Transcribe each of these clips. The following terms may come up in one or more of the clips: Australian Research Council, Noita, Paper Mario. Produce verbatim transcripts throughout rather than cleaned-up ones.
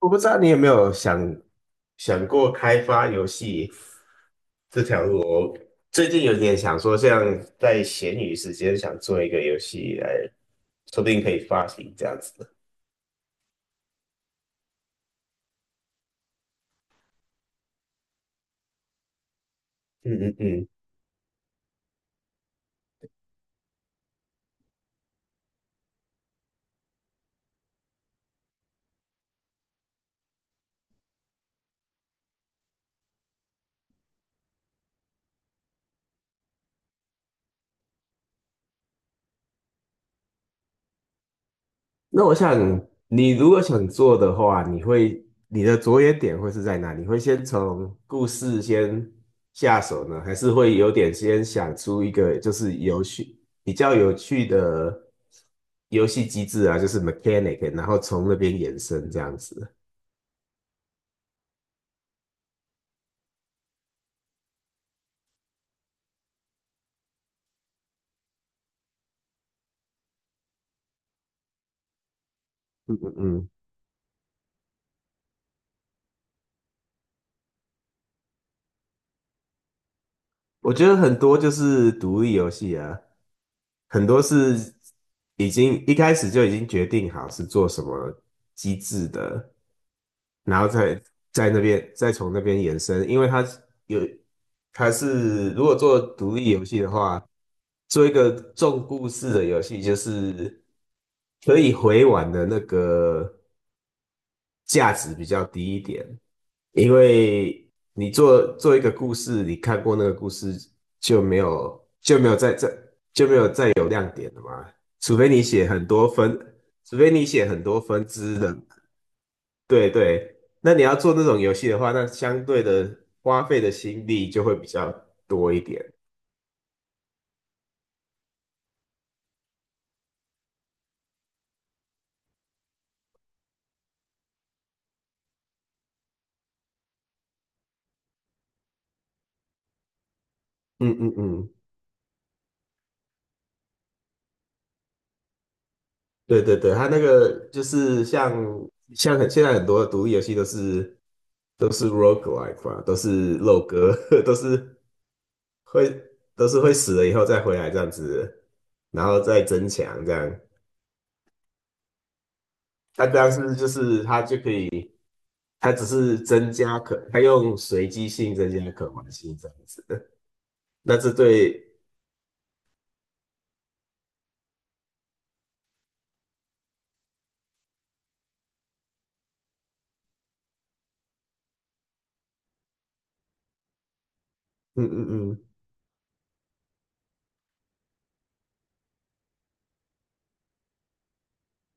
我不知道你有没有想想过开发游戏这条路哦。我最近有点想说，像在闲余时间想做一个游戏来，说不定可以发行这样子的。嗯嗯嗯。那我想，你如果想做的话，你会你的着眼点会是在哪？你会先从故事先下手呢，还是会有点先想出一个就是有趣、比较有趣的游戏机制啊，就是 mechanic，然后从那边延伸这样子？嗯嗯。我觉得很多就是独立游戏啊，很多是已经一开始就已经决定好是做什么机制的，然后再在那边再从那边延伸，因为它有它是如果做独立游戏的话，做一个重故事的游戏，就是可以回玩的那个价值比较低一点，因为你做做一个故事，你看过那个故事就没有就没有在这，除非你写很多分，除非你写很多分支的。对对。那你要做那种游戏的话，那相对的花费的心力就会比较多一点。嗯嗯嗯，对对对，它那个就是像像很现在很多的独立游戏都是都是 roguelike 嘛，都是肉鸽，都是会都是会死了以后再回来这样子，然后再增强这样。它当是就是它就可以，它只是增加可，它用随机性增加可玩性这样子。那这对，嗯嗯嗯。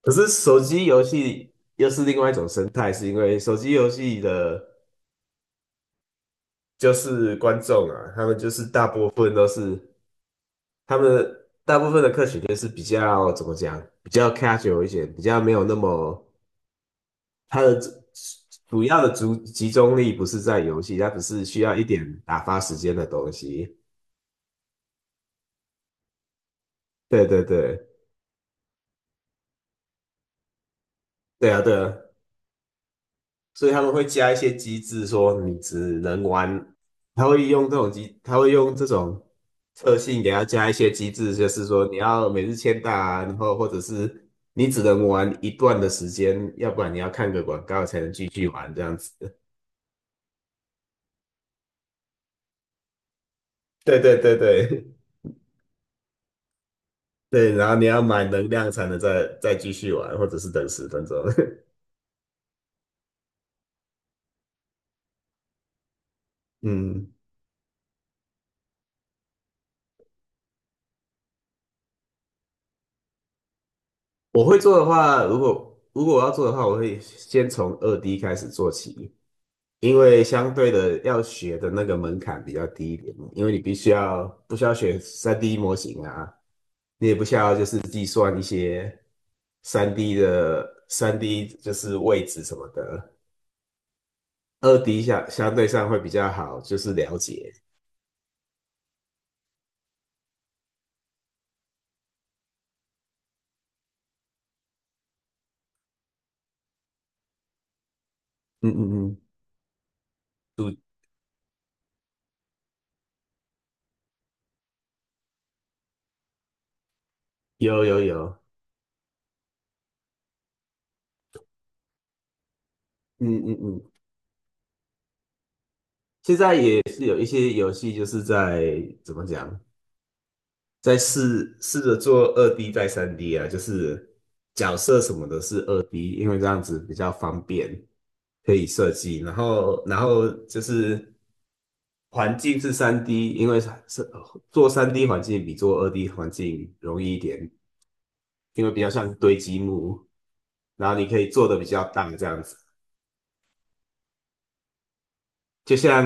可是手机游戏又是另外一种生态，是因为手机游戏的就是观众啊，他们就是大部分都是他们大部分的客群就是比较怎么讲，比较 casual 一些，比较没有那么。它的主主要的主集中力不是在游戏，它只是需要一点打发时间的东西。对对对，对啊对啊，所以他们会加一些机制，说你只能玩，他会用这种机，他会用这种特性给他加一些机制，就是说你要每日签到啊，然后或者是你只能玩一段的时间，要不然你要看个广告才能继续玩这样子。对对对对。对，然后你要买能量才能再再继续玩，或者是等十分钟。嗯，我会做的话，如果如果我要做的话，我会先从二 D 开始做起，因为相对的要学的那个门槛比较低一点嘛。因为你必须要不需要学三 D 模型啊，你也不需要就是计算一些三 D 的三 D 就是位置什么的，二 D 相相对上会比较好，就是了解。嗯嗯嗯，对有有有，嗯嗯嗯，现在也是有一些游戏就是在怎么讲？再试试着做二 D 再三 D 啊，就是角色什么的是二 D，因为这样子比较方便，可以设计。然后，然后就是环境是三 D，因为是做三 D 环境比做二 D 环境容易一点，因为比较像堆积木，然后你可以做的比较大这样子，就像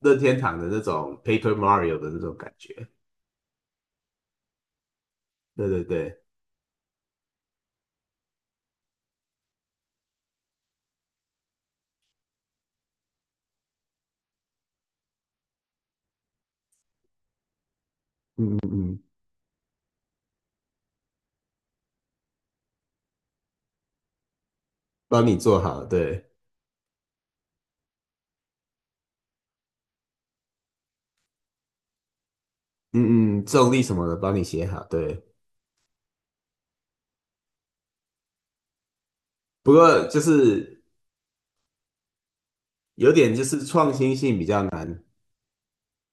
任天堂的那种 Paper Mario 的那种感觉。对对对，嗯嗯嗯，帮你做好，对。嗯嗯，重力什么的帮你写好，对。不过就是有点就是创新性比较难，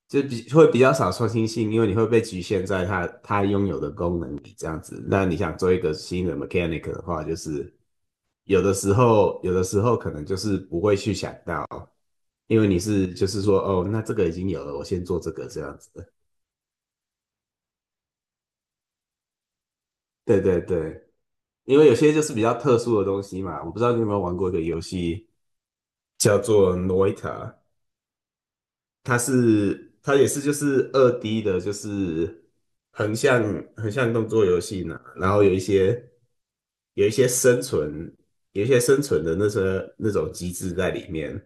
就比会比较少创新性，因为你会被局限在它它拥有的功能里这样子。那你想做一个新的 mechanic 的话，就是有的时候有的时候可能就是不会去想到，因为你是就是说哦，那这个已经有了，我先做这个这样子。对对对，因为有些就是比较特殊的东西嘛，我不知道你有没有玩过一个游戏叫做 Noita。它是它也是就是二 D 的，就是横向横向动作游戏呢，然后有一些有一些生存，有一些生存的那些那种机制在里面，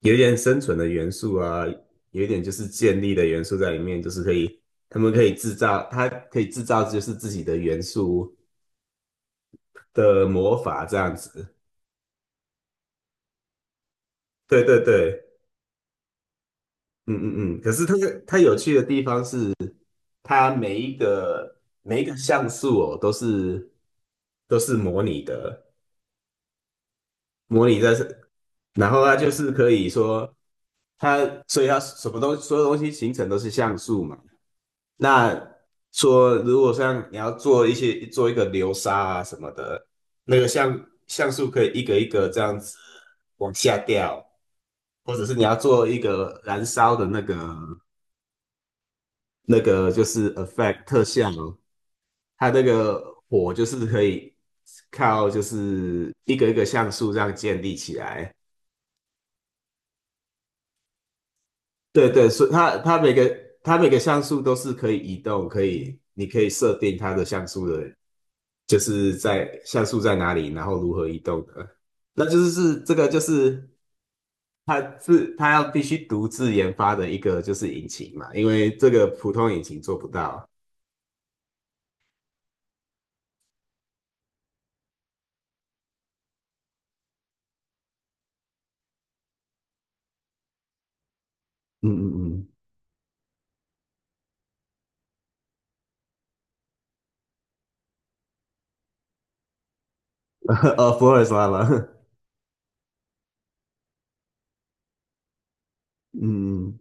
有一点生存的元素啊，有一点就是建立的元素在里面，就是可以他们可以制造，它可以制造就是自己的元素的魔法这样子。对对对，嗯嗯嗯。可是它它有趣的地方是，它每一个每一个像素哦，都是都是模拟的，模拟在是，然后它就是可以说它，所以它什么东所有东西形成都是像素嘛。那说如果像你要做一些做一个流沙啊什么的，那个像像素可以一个一个这样子往下掉，或者是你要做一个燃烧的那个那个就是 effect 特效哦，它这个火就是可以靠就是一个一个像素这样建立起来。对对，所以它它每个它每个像素都是可以移动，可以你可以设定它的像素的，就是在像素在哪里，然后如何移动的。那就是是这个就是它是它要必须独自研发的一个就是引擎嘛，因为这个普通引擎做不到。嗯嗯嗯，呃，福尔摩沙嘛，嗯，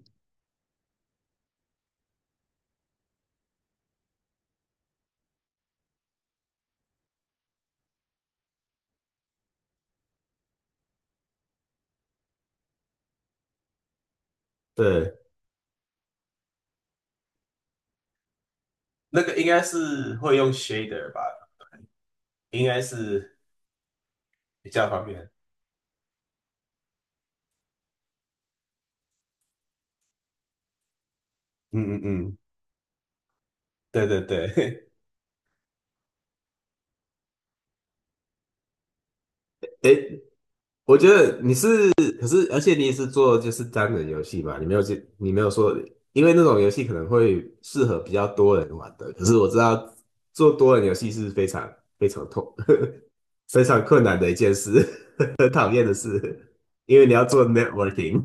对。那个应该是会用 shader 吧，应该是比较方便。嗯嗯嗯，对对对，诶，我觉得你是，可是而且你也是做就是单人游戏嘛，你没有去，你没有说，因为那种游戏可能会适合比较多人玩的，可是我知道做多人游戏是非常非常痛，非常困难的一件事，很讨厌的事，因为你要做 networking，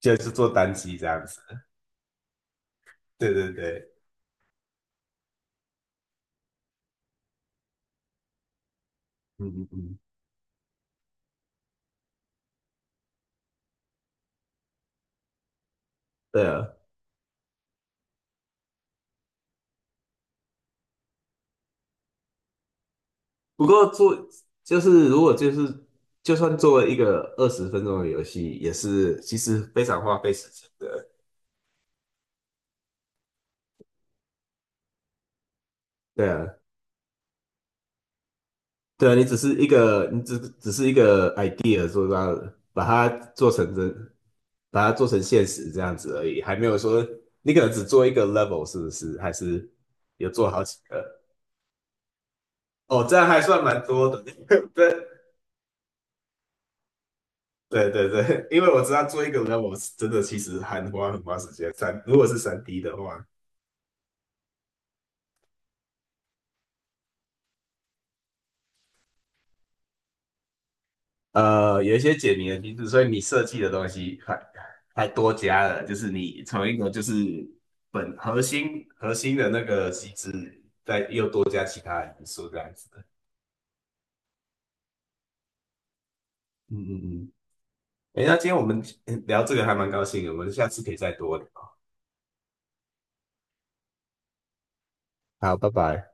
就是做单机这样子。对对对，嗯嗯嗯，对啊，不过做就是如果就是就算做了一个二十分钟的游戏，也是其实非常花费时间的。对啊，对啊，你只是一个你只只是一个 idea， 做到把它做成真，把它做成现实这样子而已，还没有说你可能只做一个 level 是不是？还是有做好几个？哦，这样还算蛮多的。对对对对，因为我知道做一个 level 是真的其实很花很花时间，三如果是三 D 的话。呃，有一些解谜的机制，所以你设计的东西还还多加了，就是你从一个就是本核心核心的那个机制，再又多加其他的因素这样子的。嗯嗯嗯。哎，那今天我们聊这个还蛮高兴的，我们下次可以再多聊。好，拜拜。